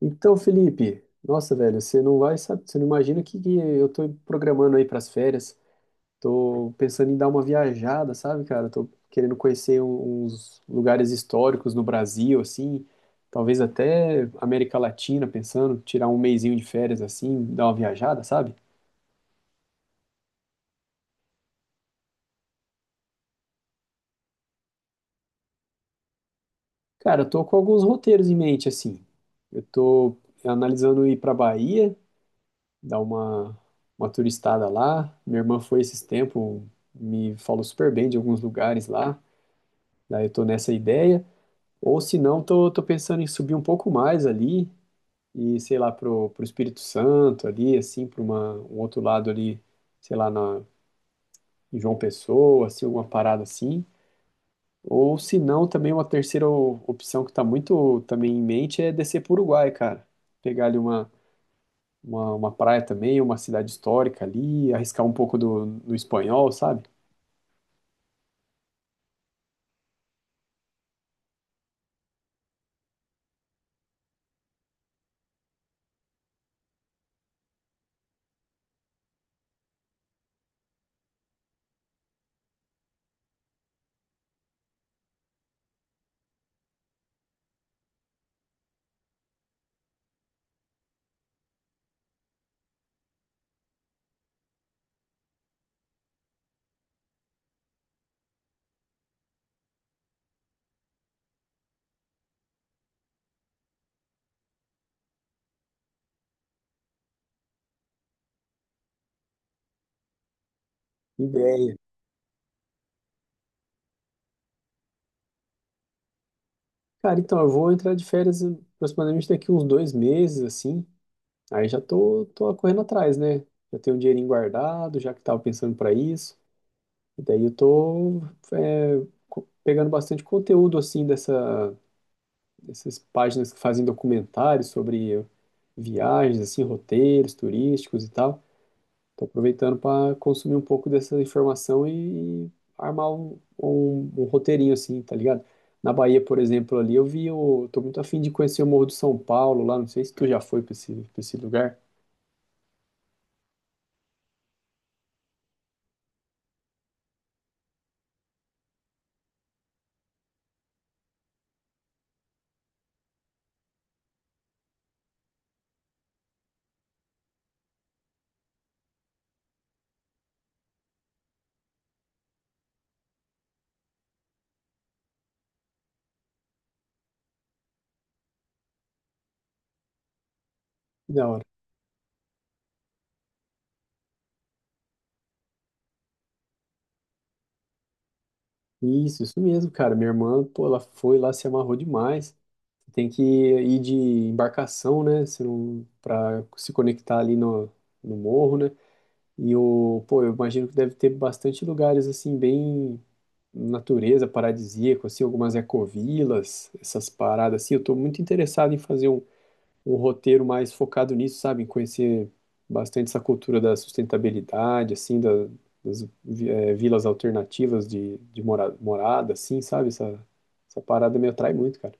Então, Felipe, nossa, velho, você não vai, sabe, você não imagina que eu tô programando aí pras férias. Tô pensando em dar uma viajada, sabe, cara? Tô querendo conhecer uns lugares históricos no Brasil, assim, talvez até América Latina, pensando, tirar um mesinho de férias assim, dar uma viajada, sabe? Cara, eu tô com alguns roteiros em mente, assim. Eu tô analisando ir pra Bahia dar uma turistada lá. Minha irmã foi esses tempos, me falou super bem de alguns lugares lá. Daí eu tô nessa ideia. Ou se não, tô pensando em subir um pouco mais ali e, sei lá, pro Espírito Santo ali, assim, para uma, um outro lado ali, sei lá, na, em João Pessoa, assim, alguma parada assim. Ou se não, também uma terceira opção que tá muito também em mente é descer pro Uruguai, cara. Pegar ali uma praia também, uma cidade histórica ali, arriscar um pouco do, no espanhol, sabe? Ideia. Cara, então eu vou entrar de férias aproximadamente daqui uns dois meses, assim. Aí já tô correndo atrás, né? Já tenho um dinheirinho guardado, já que tava pensando para isso. E daí eu tô é, pegando bastante conteúdo, assim, dessas páginas que fazem documentários sobre viagens, assim, roteiros turísticos e tal. Estou aproveitando para consumir um pouco dessa informação e armar um roteirinho assim, tá ligado? Na Bahia, por exemplo, ali eu vi, eu tô muito afim de conhecer o Morro do São Paulo lá, não sei se tu já foi para pra esse lugar. Que da hora. Isso mesmo, cara. Minha irmã, pô, ela foi lá, se amarrou demais. Tem que ir de embarcação, né? Se não, para se conectar ali no, no morro, né? E o, pô, eu imagino que deve ter bastante lugares assim, bem natureza paradisíaca, assim, algumas ecovilas, essas paradas assim. Eu tô muito interessado em fazer um roteiro mais focado nisso, sabe? Em conhecer bastante essa cultura da sustentabilidade, assim, vilas alternativas de morada, assim, sabe? Essa parada me atrai muito, cara.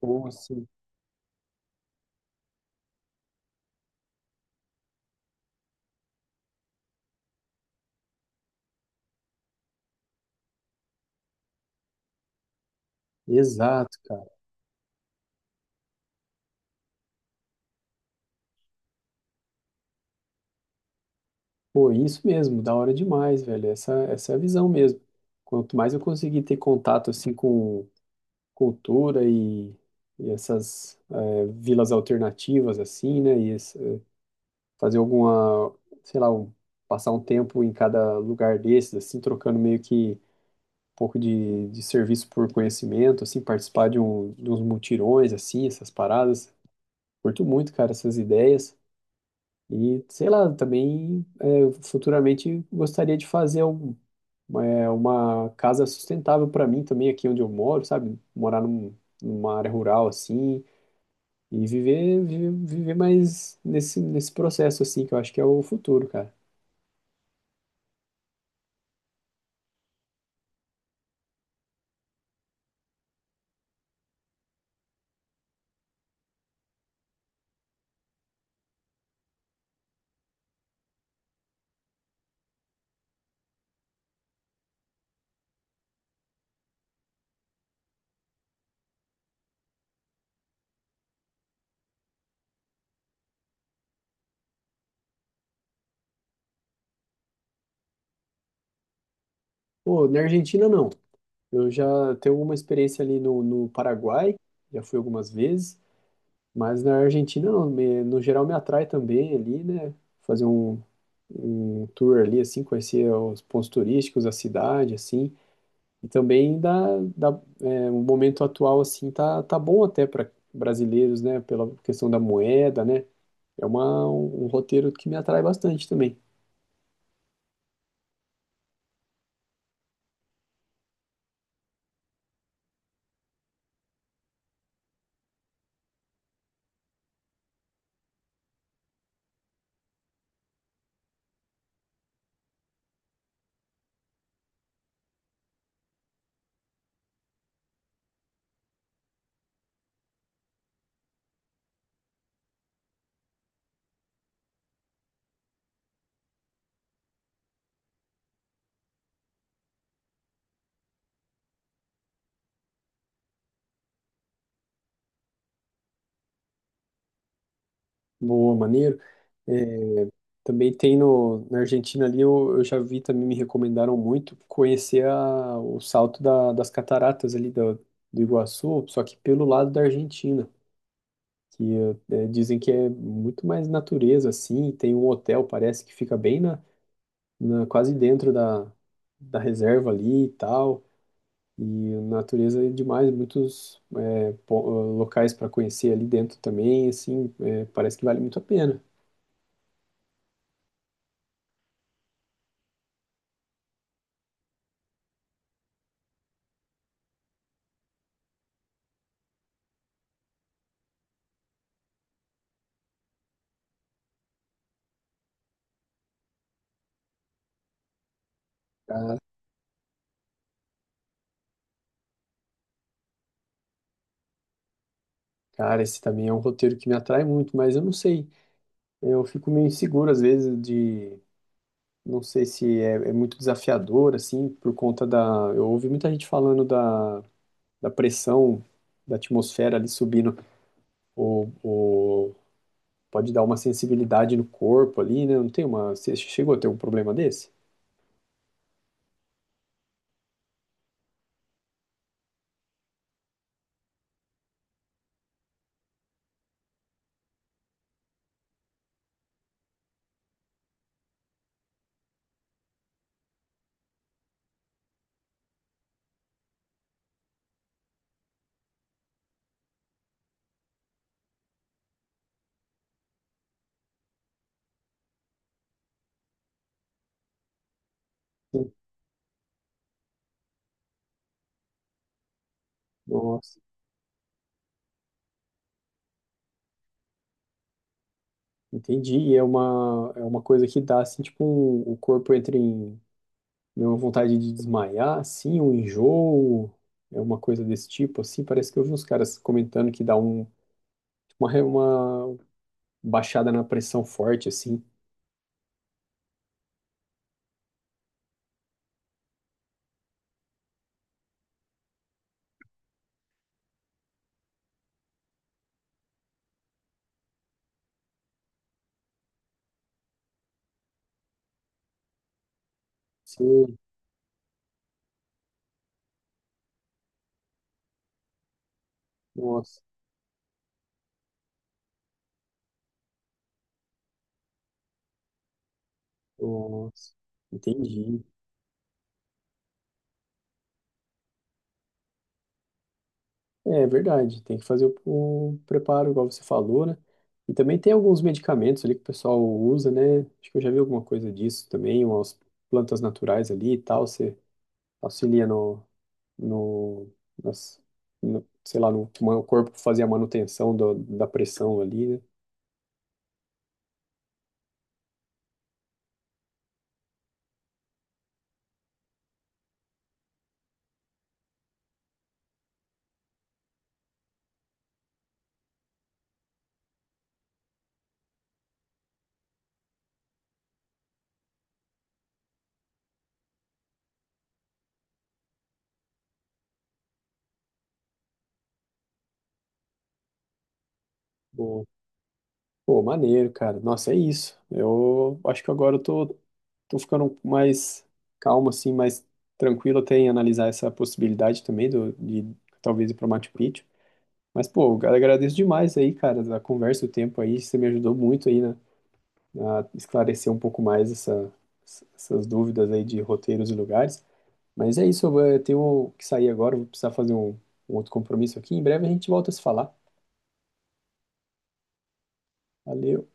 Pô, assim, exato, cara. Pô, isso mesmo, da hora demais, velho. Essa é a visão mesmo. Quanto mais eu conseguir ter contato, assim, com cultura e essas vilas alternativas assim, né? Fazer alguma, sei lá, passar um tempo em cada lugar desses, assim, trocando meio que um pouco de serviço por conhecimento, assim, participar de uns mutirões, assim, essas paradas. Curto muito, cara, essas ideias. E, sei lá, também futuramente gostaria de fazer uma casa sustentável para mim também, aqui onde eu moro, sabe? Morar numa área rural, assim, e viver mais nesse processo, assim, que eu acho que é o futuro, cara. Pô, na Argentina, não. Eu já tenho alguma experiência ali no, no Paraguai, já fui algumas vezes, mas na Argentina, não. No geral, me atrai também ali, né? Fazer um tour ali, assim, conhecer os pontos turísticos, a cidade, assim. E também é, o momento atual, assim, tá bom até para brasileiros, né? Pela questão da moeda, né? É um roteiro que me atrai bastante também. Boa, maneiro. É, também tem no, na Argentina ali, eu já vi também, me recomendaram muito conhecer a, o salto das cataratas ali do, do Iguaçu, só que pelo lado da Argentina, que é, dizem que é muito mais natureza, assim, tem um hotel, parece que fica bem na, quase dentro da, da reserva ali e tal, e natureza é demais, muitos é, locais para conhecer ali dentro também, assim, é, parece que vale muito a pena. Cara, esse também é um roteiro que me atrai muito, mas eu não sei. Eu fico meio inseguro às vezes de. Não sei se é muito desafiador, assim, por conta da. Eu ouvi muita gente falando da, da pressão da atmosfera ali subindo. O, o... Pode dar uma sensibilidade no corpo ali, né? Não tem uma. Você chegou a ter um problema desse? Sim. Nossa, entendi. E é é uma coisa que dá, assim, tipo, o corpo entra em né, uma vontade de desmaiar, assim, um enjoo, é uma coisa desse tipo, assim, parece que eu vi uns caras comentando que dá uma baixada na pressão forte, assim. Sim, nossa, nossa, entendi. É é verdade, tem que fazer o preparo, igual você falou, né? E também tem alguns medicamentos ali que o pessoal usa, né? Acho que eu já vi alguma coisa disso também, umas plantas naturais ali e tal, você auxilia no, nas- sei lá, no, o corpo fazia a manutenção da pressão ali, né? Pô, pô, maneiro, cara. Nossa, é isso. Eu acho que agora eu tô ficando mais calmo, assim, mais tranquilo até em analisar essa possibilidade também do, de talvez ir para Machu Picchu. Mas, pô, eu agradeço demais aí, cara, da conversa, o tempo aí. Você me ajudou muito aí, né? A esclarecer um pouco mais essas dúvidas aí de roteiros e lugares. Mas é isso, eu tenho que sair agora, vou precisar fazer um outro compromisso aqui. Em breve a gente volta a se falar. Valeu.